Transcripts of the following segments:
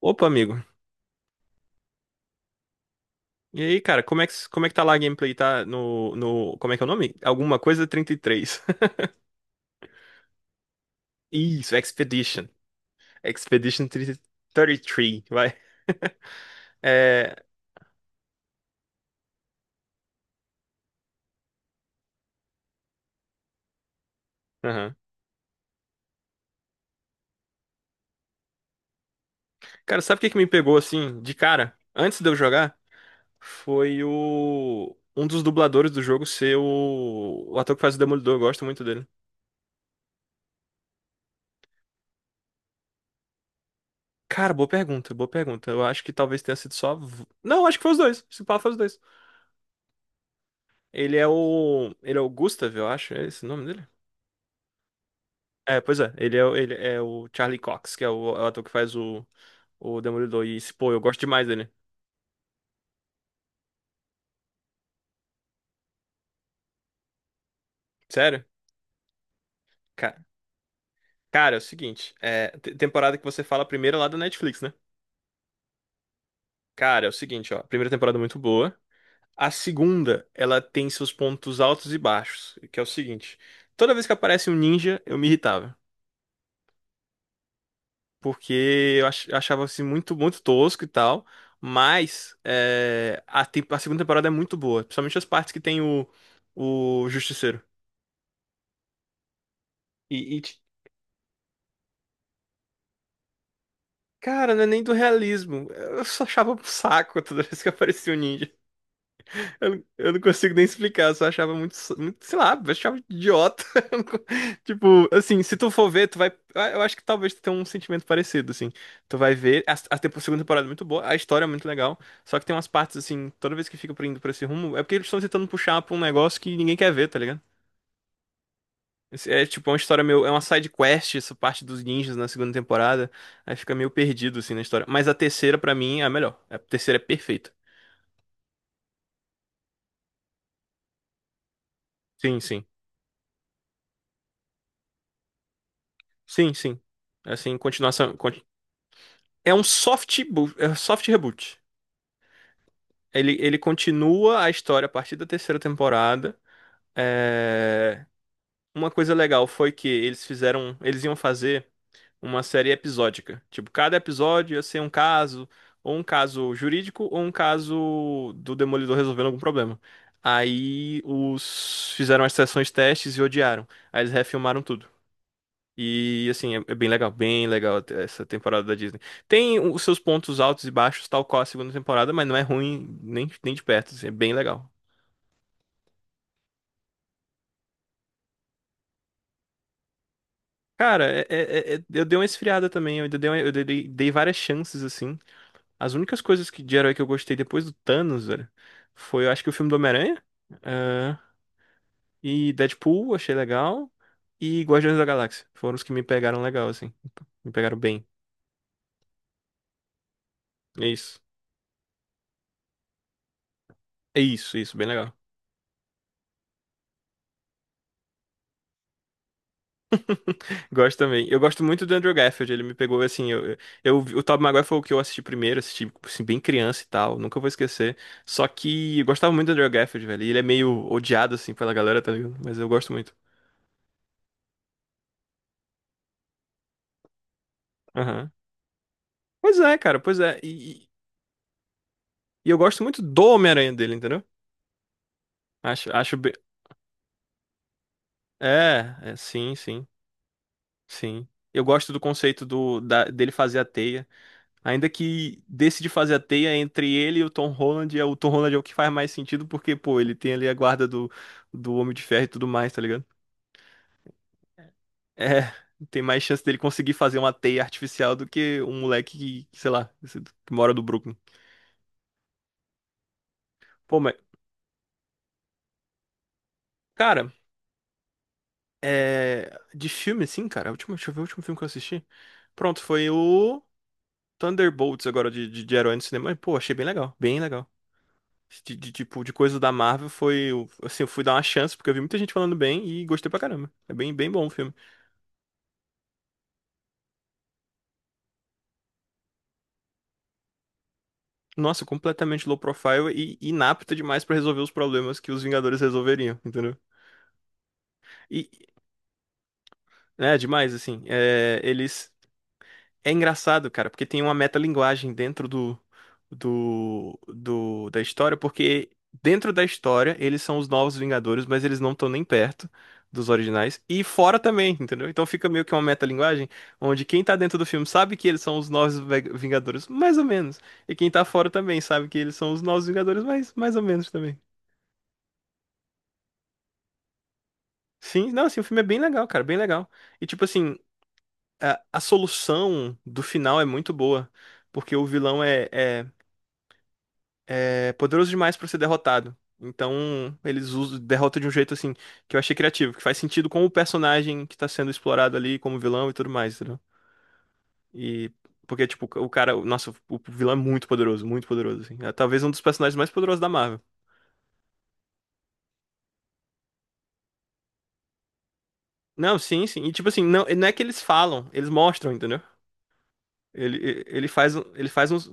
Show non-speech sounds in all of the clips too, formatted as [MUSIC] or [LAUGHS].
Opa, amigo. E aí, cara, como é que tá lá a gameplay? Tá no, no. Como é que é o nome? Alguma coisa 33? [LAUGHS] Isso, Expedition. Expedition trinta trinta e três. Vai. [LAUGHS] É. Aham. Cara, sabe o que que me pegou assim, de cara, antes de eu jogar? Foi o. Um dos dubladores do jogo ser o ator que faz o Demolidor, eu gosto muito dele. Cara, boa pergunta, boa pergunta. Eu acho que talvez tenha sido só. Não, acho que foi os dois. Se pá, foi os dois. Ele é o Gustav, eu acho. É esse o nome dele? É, pois é. Ele é o Charlie Cox, que é é o ator que faz o Demolidor. E, pô, eu gosto demais dele. Sério? Cara, cara, é o seguinte. É, temporada que você fala a primeira lá da Netflix, né? Cara, é o seguinte, ó. A primeira temporada é muito boa. A segunda, ela tem seus pontos altos e baixos, que é o seguinte. Toda vez que aparece um ninja, eu me irritava. Porque eu achava assim muito, muito tosco e tal. Mas é, a segunda temporada é muito boa. Principalmente as partes que tem o Justiceiro. E, e, ti- Cara, não é nem do realismo. Eu só achava um saco [LAUGHS] toda vez que aparecia um ninja. Não, eu não consigo nem explicar, eu só achava muito, muito, sei lá, eu achava idiota. [LAUGHS] Eu não co- Tipo assim, se tu for ver, tu vai. Eu acho que talvez tu tenha um sentimento parecido, assim. Tu vai ver. Segunda temporada é muito boa, a história é muito legal. Só que tem umas partes, assim, toda vez que fica indo pra esse rumo, é porque eles estão tentando puxar pra um negócio que ninguém quer ver, tá ligado? Esse É tipo é uma história meio. É uma side quest, essa parte dos ninjas na segunda temporada. Aí fica meio perdido, assim, na história. Mas a terceira, pra mim, é a melhor. A terceira é perfeita. Sim, sim. Sim, sim. Assim, continuação. É um é um soft reboot. Ele continua a história a partir da terceira temporada. É, uma coisa legal foi que eles fizeram. Eles iam fazer. Uma série episódica. Tipo, cada episódio ia ser um caso, ou um caso jurídico, ou um caso do Demolidor resolvendo algum problema. Aí os fizeram as sessões testes e odiaram. Aí eles refilmaram tudo. E assim, é bem legal essa temporada da Disney. Tem os seus pontos altos e baixos, tal qual a segunda temporada, mas não é ruim nem, nem de perto, assim, é bem legal. Cara, eu dei uma esfriada também, eu ainda dei, eu dei, dei várias chances, assim. As únicas coisas que, de herói que eu gostei depois do Thanos, velho, foi, eu acho que o filme do Homem-Aranha, ah, e Deadpool, achei legal, e Guardiões da Galáxia. Foram os que me pegaram legal, assim. Me pegaram bem. É isso. É isso, isso, bem legal. [LAUGHS] Gosto também. Eu gosto muito do Andrew Garfield, ele me pegou assim, eu, o Tobey Maguire foi o que eu assisti primeiro, assisti assim, bem criança e tal, nunca vou esquecer. Só que eu gostava muito do Andrew Garfield, velho, e ele é meio odiado assim pela galera, tá ligado? Mas eu gosto muito. Aham. Pois é, cara, pois é. E, e eu gosto muito do Homem-Aranha dele, entendeu? Acho bem... É, é, sim, sim, sim. Eu gosto do conceito do, dele fazer a teia. Ainda que desse de fazer a teia entre ele e o Tom Holland, é o Tom Holland é o que faz mais sentido, porque, pô, ele tem ali a guarda do, do Homem de Ferro e tudo mais, tá ligado? É, tem mais chance dele conseguir fazer uma teia artificial do que um moleque que, sei lá, que mora do Brooklyn. Pô, mas, cara, é... De filme, assim, cara, deixa eu ver o último filme que eu assisti. Pronto, foi o. Thunderbolts agora de herói no cinema. E, pô, achei bem legal, bem legal. De coisa da Marvel foi. Assim, eu fui dar uma chance, porque eu vi muita gente falando bem e gostei pra caramba. É bem, bem bom o filme. Nossa, completamente low profile e inapto demais pra resolver os problemas que os Vingadores resolveriam, entendeu? E é demais, assim. É, eles. É engraçado, cara, porque tem uma metalinguagem dentro da história, porque dentro da história eles são os novos Vingadores, mas eles não estão nem perto dos originais, e fora também, entendeu? Então fica meio que uma metalinguagem onde quem tá dentro do filme sabe que eles são os novos Vingadores, mais ou menos, e quem tá fora também sabe que eles são os novos Vingadores, mas mais ou menos também. Sim, não, assim, o filme é bem legal, cara, bem legal. E tipo assim, a solução do final é muito boa, porque o vilão é poderoso demais pra ser derrotado. Então, eles usam derrota de um jeito assim que eu achei criativo, que faz sentido com o personagem que tá sendo explorado ali como vilão e tudo mais, entendeu? E porque tipo, o cara, nossa, o vilão é muito poderoso assim. É talvez um dos personagens mais poderosos da Marvel. Não, sim, sim. E tipo assim, não, não é que eles falam, eles mostram, entendeu? Ele faz uns.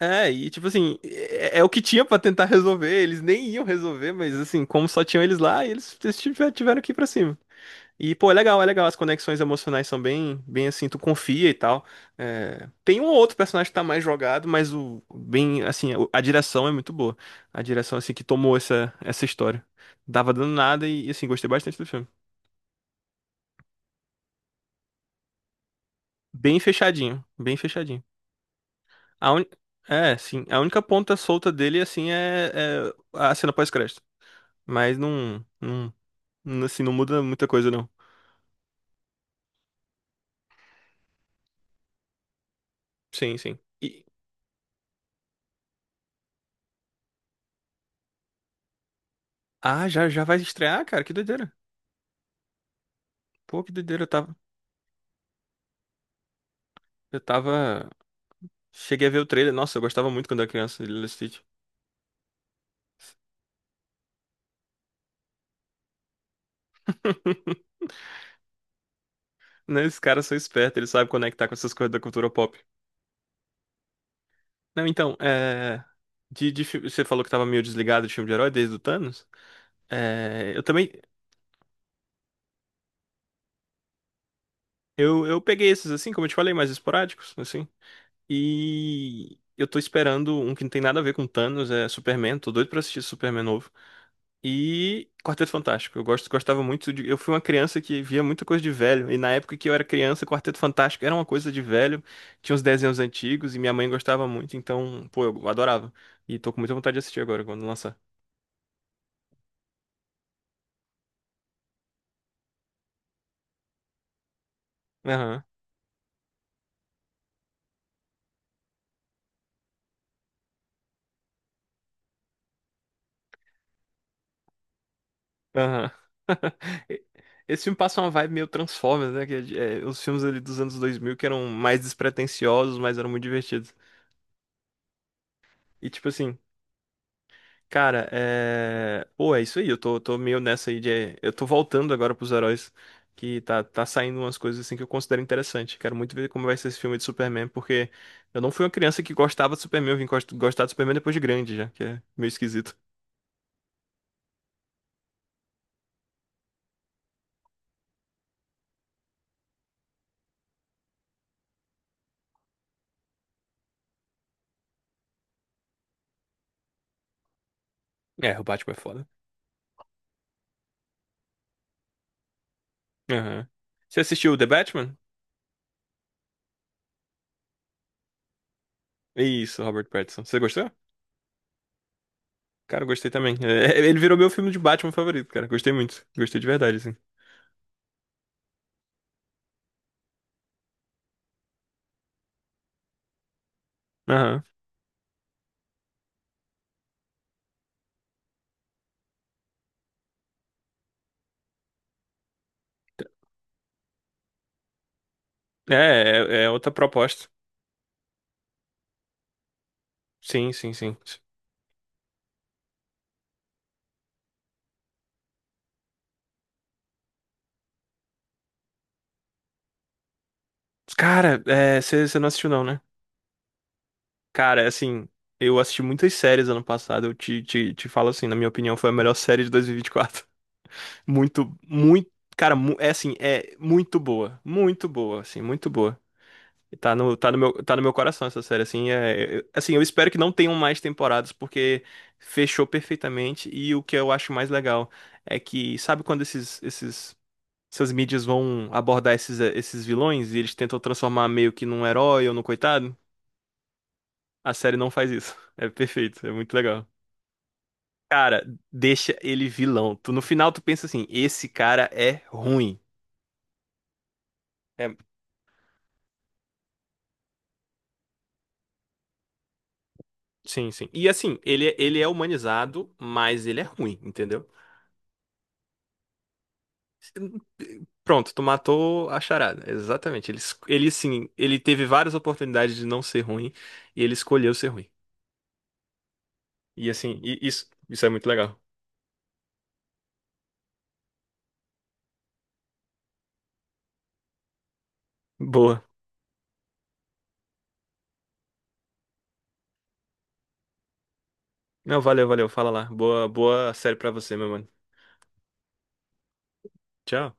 É, e tipo assim, é, é o que tinha pra tentar resolver. Eles nem iam resolver, mas assim, como só tinham eles lá, tiveram que ir pra cima. E, pô, é legal, é legal. As conexões emocionais são bem, bem assim, tu confia e tal. É, tem um ou outro personagem que tá mais jogado, mas o bem, assim, a direção é muito boa. A direção, assim, que tomou essa história. Dava dando nada e, assim, gostei bastante do filme. Bem fechadinho, bem fechadinho. A un... É, sim, a única ponta solta dele, assim, é, é a cena pós-crédito. Mas não, assim, não muda muita coisa, não. Sim, sim. E... Ah, já, já vai estrear, cara? Que doideira. Pô, que doideira, eu tava... Eu tava. Cheguei a ver o trailer. Nossa, eu gostava muito quando era criança de Lilo e Stitch. [LAUGHS] Né, esses caras são espertos, eles sabem conectar com essas coisas da cultura pop. Não, então, é... Você falou que tava meio desligado de filme de herói desde o Thanos. É, eu também... Eu peguei esses, assim, como eu te falei, mais esporádicos, assim. E eu tô esperando um que não tem nada a ver com Thanos, é Superman. Tô doido pra assistir Superman novo. E Quarteto Fantástico. Eu gosto, gostava muito de. Eu fui uma criança que via muita coisa de velho. E na época que eu era criança, Quarteto Fantástico era uma coisa de velho. Tinha uns desenhos antigos e minha mãe gostava muito. Então, pô, eu adorava. E tô com muita vontade de assistir agora, quando lançar. Aham, aham. [LAUGHS] Esse filme passa uma vibe meio Transformers, né? Que é, os filmes ali dos anos 2000 que eram mais despretensiosos, mas eram muito divertidos. E tipo assim. Cara, é. Pô, é isso aí. Eu tô meio nessa aí de. Eu tô voltando agora pros heróis. Que tá saindo umas coisas assim que eu considero interessante. Quero muito ver como vai ser esse filme de Superman, porque eu não fui uma criança que gostava de Superman, eu vim gostar de Superman depois de grande já, que é meio esquisito. É, o Batman é foda. Aham. Você assistiu The Batman? Isso, Robert Pattinson. Você gostou? Cara, eu gostei também. É, ele virou meu filme de Batman favorito, cara. Gostei muito. Gostei de verdade, assim. Aham. É, é outra proposta. Sim, sim, sim. Cara, você não assistiu não, né? Cara, é assim, eu assisti muitas séries ano passado. Eu te falo assim, na minha opinião, foi a melhor série de 2024. [LAUGHS] Muito, muito, cara, é assim, é muito boa, assim, muito boa. Tá no meu coração essa série, assim, é, assim, eu espero que não tenham mais temporadas, porque fechou perfeitamente. E o que eu acho mais legal é que, sabe quando esses, esses essas mídias vão abordar esses vilões e eles tentam transformar meio que num herói ou num coitado? A série não faz isso. É perfeito, é muito legal. Cara, deixa ele vilão. Tu, no final tu pensa assim, esse cara é ruim. É, sim, sim. E assim, ele é humanizado, mas ele é ruim, entendeu? Pronto, tu matou a charada. Exatamente. Ele, ele assim, ele teve várias oportunidades de não ser ruim e ele escolheu ser ruim. E assim, isso, isso é muito legal. Boa. Não, valeu, valeu. Fala lá. Boa, boa série pra você, meu mano. Tchau.